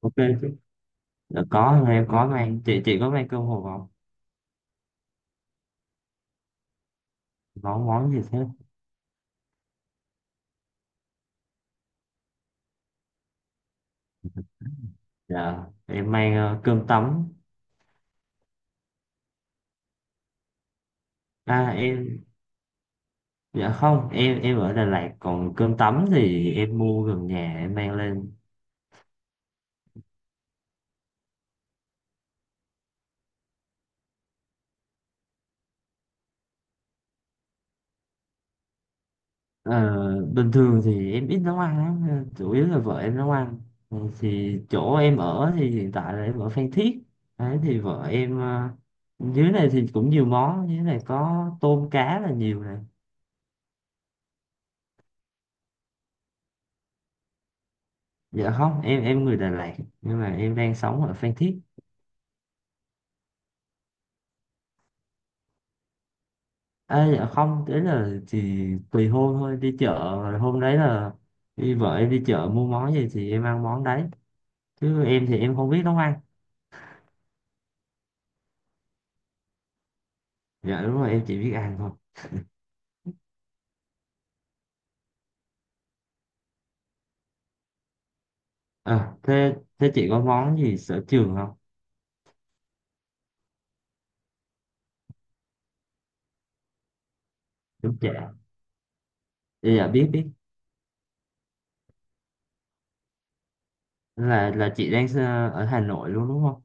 Ok chứ. Dạ, có em có mang. Chị có mang cơm hộp không? Món món gì thế? Dạ em mang cơm tấm. À, em. Dạ không, em ở Đà Lạt, còn cơm tấm thì em mua gần nhà em mang lên. Ờ, Bình thường thì em ít nấu ăn lắm nên chủ yếu là vợ em nấu ăn. Ừ, thì chỗ em ở thì hiện tại là em ở Phan Thiết. Đấy thì vợ em dưới này thì cũng nhiều món, dưới này có tôm cá là nhiều này. Dạ không, em người Đà Lạt. Nhưng mà em đang sống ở Phan Thiết. Ê, dạ không, đấy là chỉ tùy hôm thôi, đi chợ rồi hôm đấy là vợ em đi chợ mua món gì thì em ăn món đấy, chứ em thì em không biết nấu ăn. Dạ đúng rồi, em chỉ biết ăn thôi. À, thế thế chị có món gì sở trường không? Đúng. Dạ. Dạ dạ, biết biết. Là chị đang ở Hà Nội luôn đúng không?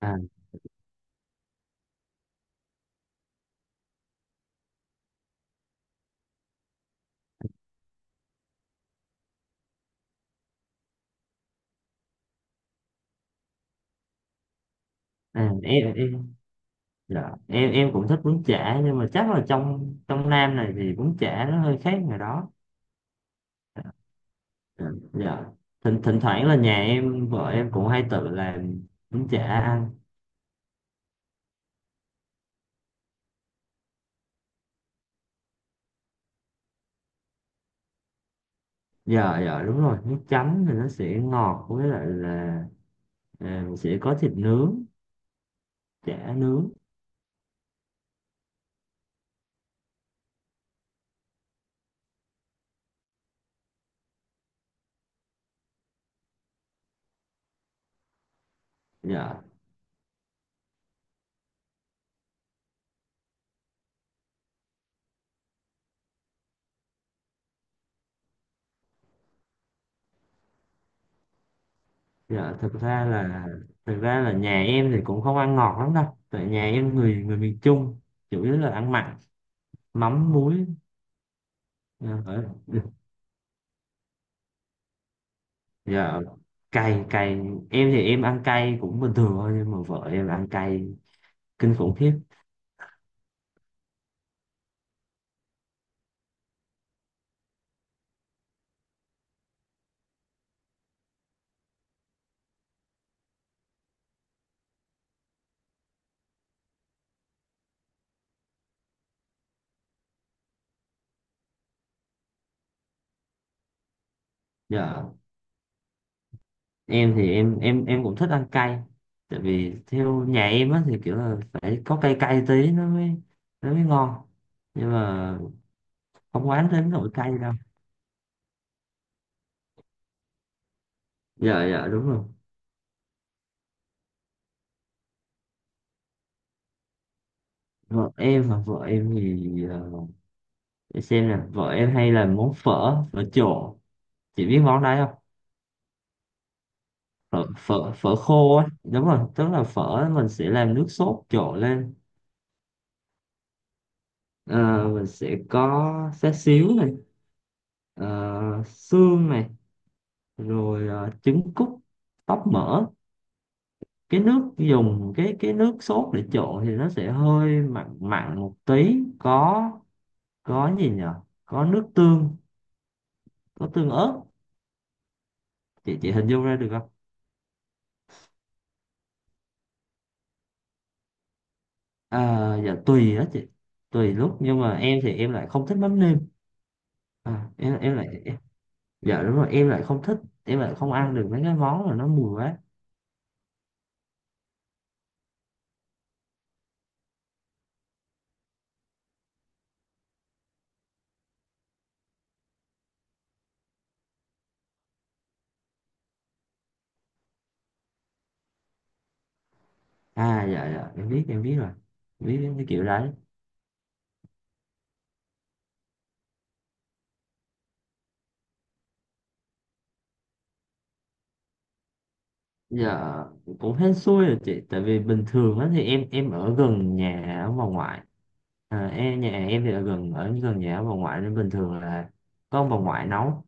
À, à, em em. Dạ em cũng thích bún chả, nhưng mà chắc là trong trong Nam này thì bún chả nó hơi khác ngoài đó. À. Dạ. Thỉnh thoảng là nhà em vợ em cũng hay tự làm bún chả ăn. Dạ dạ đúng rồi, nước chấm thì nó sẽ ngọt, với lại là à, sẽ có thịt nướng, chả nướng. Dạ. Dạ, thực ra là nhà em thì cũng không ăn ngọt lắm đâu, tại nhà em người người miền Trung, chủ yếu là ăn mặn, mắm muối. Dạ Dạ. Cay cay. Em thì em ăn cay cũng bình thường thôi, nhưng mà vợ em ăn cay kinh khủng khiếp. Dạ em thì em cũng thích ăn cay, tại vì theo nhà em á thì kiểu là phải có cay cay tí nó mới ngon, nhưng mà không oán đến nỗi cay đâu. Dạ dạ đúng rồi. Vợ em, mà vợ em thì để xem nè, vợ em hay làm món phở phở trộn. Chị biết món đấy không? Phở phở, phở khô á, đúng rồi, tức là phở mình sẽ làm nước sốt trộn lên. Ờ, mình sẽ có xá xíu này, ờ, xương này, rồi trứng cút, tóp mỡ. Cái nước dùng, cái nước sốt để trộn thì nó sẽ hơi mặn mặn một tí, có gì nhở, có nước tương, có tương ớt. Chị hình dung ra được không? À, dạ tùy đó chị, tùy lúc, nhưng mà em thì em lại không thích mắm nêm. À, em lại. Dạ đúng rồi, em lại không thích. Em lại không ăn được mấy cái món mà nó mùi quá. À dạ dạ, em biết, em biết rồi. Em biết cái kiểu đấy. Dạ, cũng hên xui rồi chị, tại vì bình thường á thì em ở gần nhà ông bà ngoại. À, nhà em thì ở gần nhà ông bà ngoại, nên bình thường là có ông bà ngoại nấu.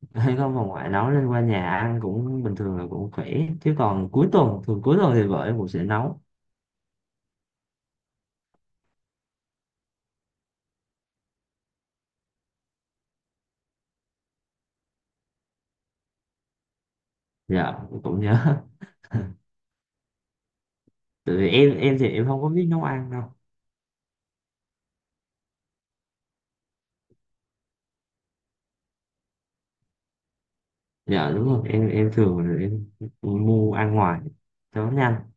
Có ông bà ngoại nấu nên qua nhà ăn cũng bình thường là cũng khỏe, chứ còn cuối tuần thì vợ em cũng sẽ nấu. Dạ cũng nhớ. Tại vì em thì em không có biết nấu ăn đâu. Dạ đúng rồi, em thường là em mua ăn ngoài cho nó nhanh.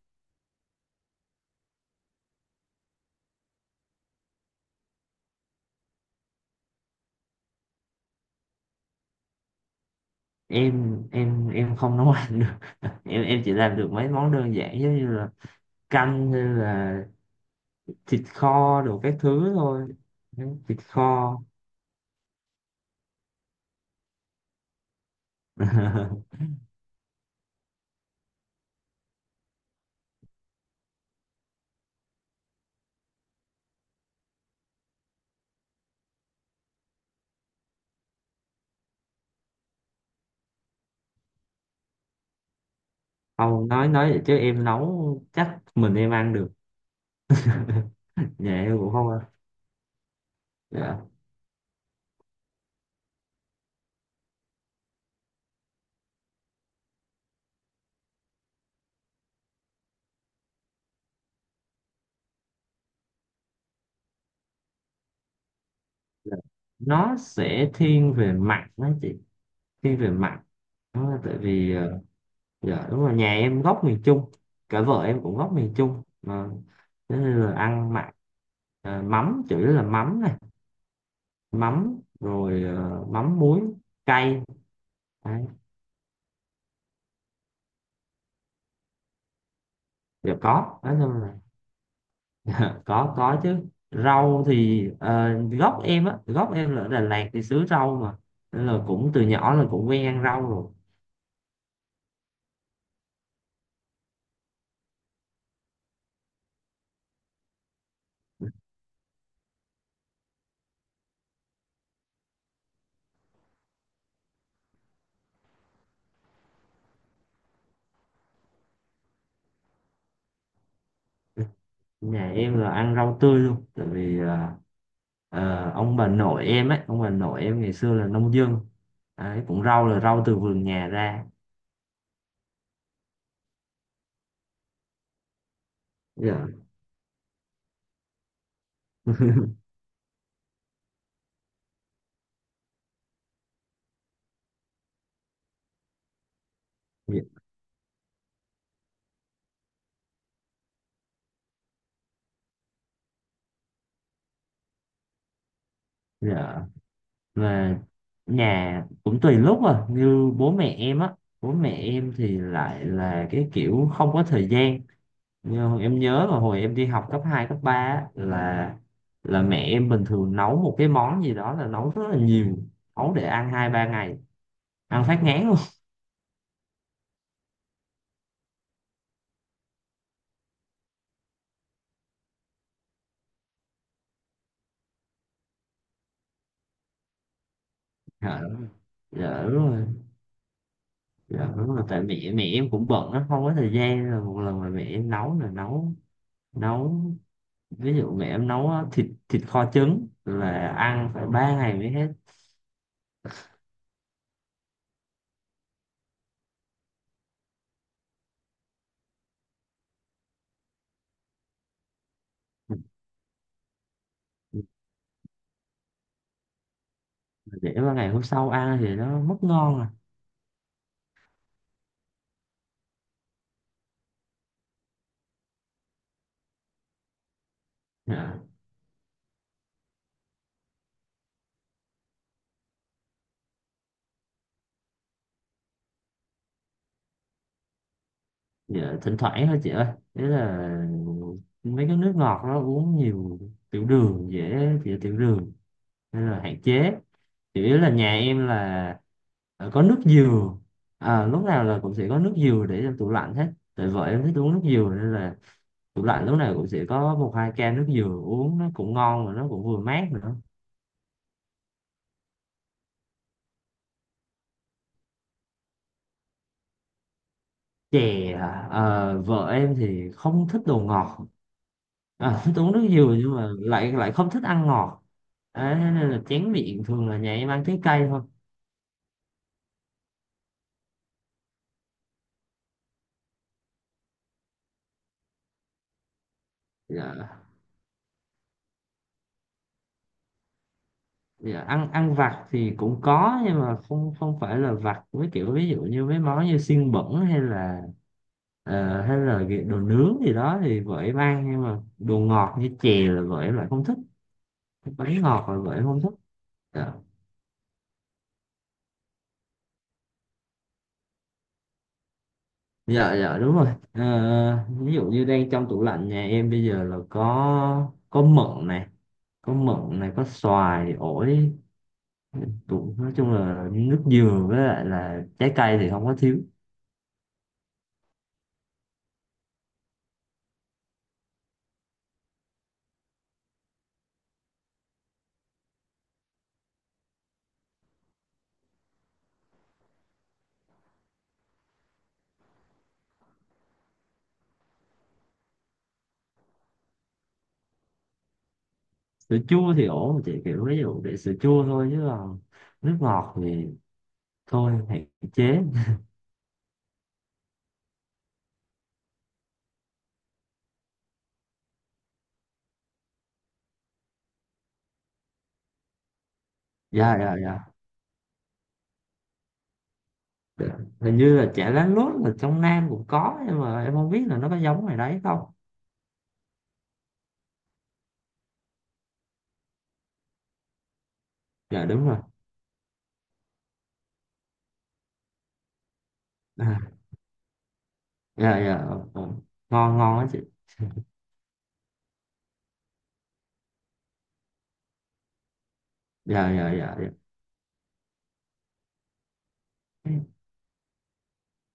Em không nấu ăn được. Em chỉ làm được mấy món đơn giản giống như là canh, hay là thịt kho đồ các thứ thôi. Đấy, thịt kho. Không, nói vậy chứ em nấu chắc mình em ăn được. Dạ em cũng không ăn. Dạ. Dạ. Nó sẽ thiên về mặn đó chị. Thiên về mặn. Đó, tại vì dạ đúng rồi, nhà em gốc miền Trung. Cả vợ em cũng gốc miền Trung mà. Thế nên là ăn mặn. Mắm chủ yếu là mắm này, mắm rồi mắm muối, cay. Đấy, đều có. Đó, có chứ. Rau thì gốc em là ở Đà Lạt thì xứ rau mà, nên là cũng từ nhỏ là cũng quen ăn rau rồi. Nhà em là ăn rau tươi luôn, tại vì ông bà nội em ngày xưa là nông dân. Đấy, cũng rau là rau từ vườn nhà ra. Dạ. Dạ. dạ. Mà nhà cũng tùy lúc, à như bố mẹ em á, bố mẹ em thì lại là cái kiểu không có thời gian. Nhưng em nhớ là hồi em đi học cấp 2 cấp 3 á, là mẹ em bình thường nấu một cái món gì đó là nấu rất là nhiều, nấu để ăn 2-3 ngày, ăn phát ngán luôn. Dạ đúng rồi. Dạ đúng rồi. Dạ đúng rồi. Tại mẹ mẹ em cũng bận á, không có thời gian. Rồi một lần mà mẹ em nấu là nấu nấu ví dụ mẹ em nấu á, thịt thịt kho trứng là ăn phải 3 ngày mới hết. Để 3 ngày hôm sau ăn thì nó mất ngon à. Dạ. Dạ, thỉnh thoảng thôi chị ơi. Thế là mấy cái nước ngọt đó uống nhiều, tiểu đường, dễ bị tiểu đường nên là hạn chế. Chủ yếu là nhà em là có nước dừa. À, lúc nào là cũng sẽ có nước dừa để trong tủ lạnh hết, tại vợ em thích uống nước dừa nên là tủ lạnh lúc nào cũng sẽ có một hai can nước dừa, uống nó cũng ngon mà nó cũng vừa mát nữa. Chè à? Ờ, Vợ em thì không thích đồ ngọt. À, thích uống nước dừa nhưng mà lại lại không thích ăn ngọt. Đấy, thế nên là chén miệng thường là nhà em ăn trái cây thôi. Dạ. Dạ, ăn ăn vặt thì cũng có nhưng mà không không phải là vặt với kiểu ví dụ như mấy món như xiên bẩn hay là hay là cái đồ nướng gì đó thì vợ em ăn, nhưng mà đồ ngọt như chè là vợ em lại không thích. Bánh ngọt là vợ em không thích. Dạ. Dạ, dạ đúng rồi. Ví dụ như đang trong tủ lạnh nhà em bây giờ là có mận này, có xoài ổi. Ừ, cũng nói chung là nước dừa với lại là trái cây thì không có thiếu. Sữa chua thì ổn chị, kiểu ví dụ để sữa chua thôi, chứ còn nước ngọt thì thôi, hạn chế. Dạ dạ dạ. Hình như là chả lá lốt là trong Nam cũng có, nhưng mà em không biết là nó có giống ngoài đấy không. Dạ đúng rồi. À, dạ dạ. Ờ. Ngon ngon á chị. Dạ dạ dạ dạ.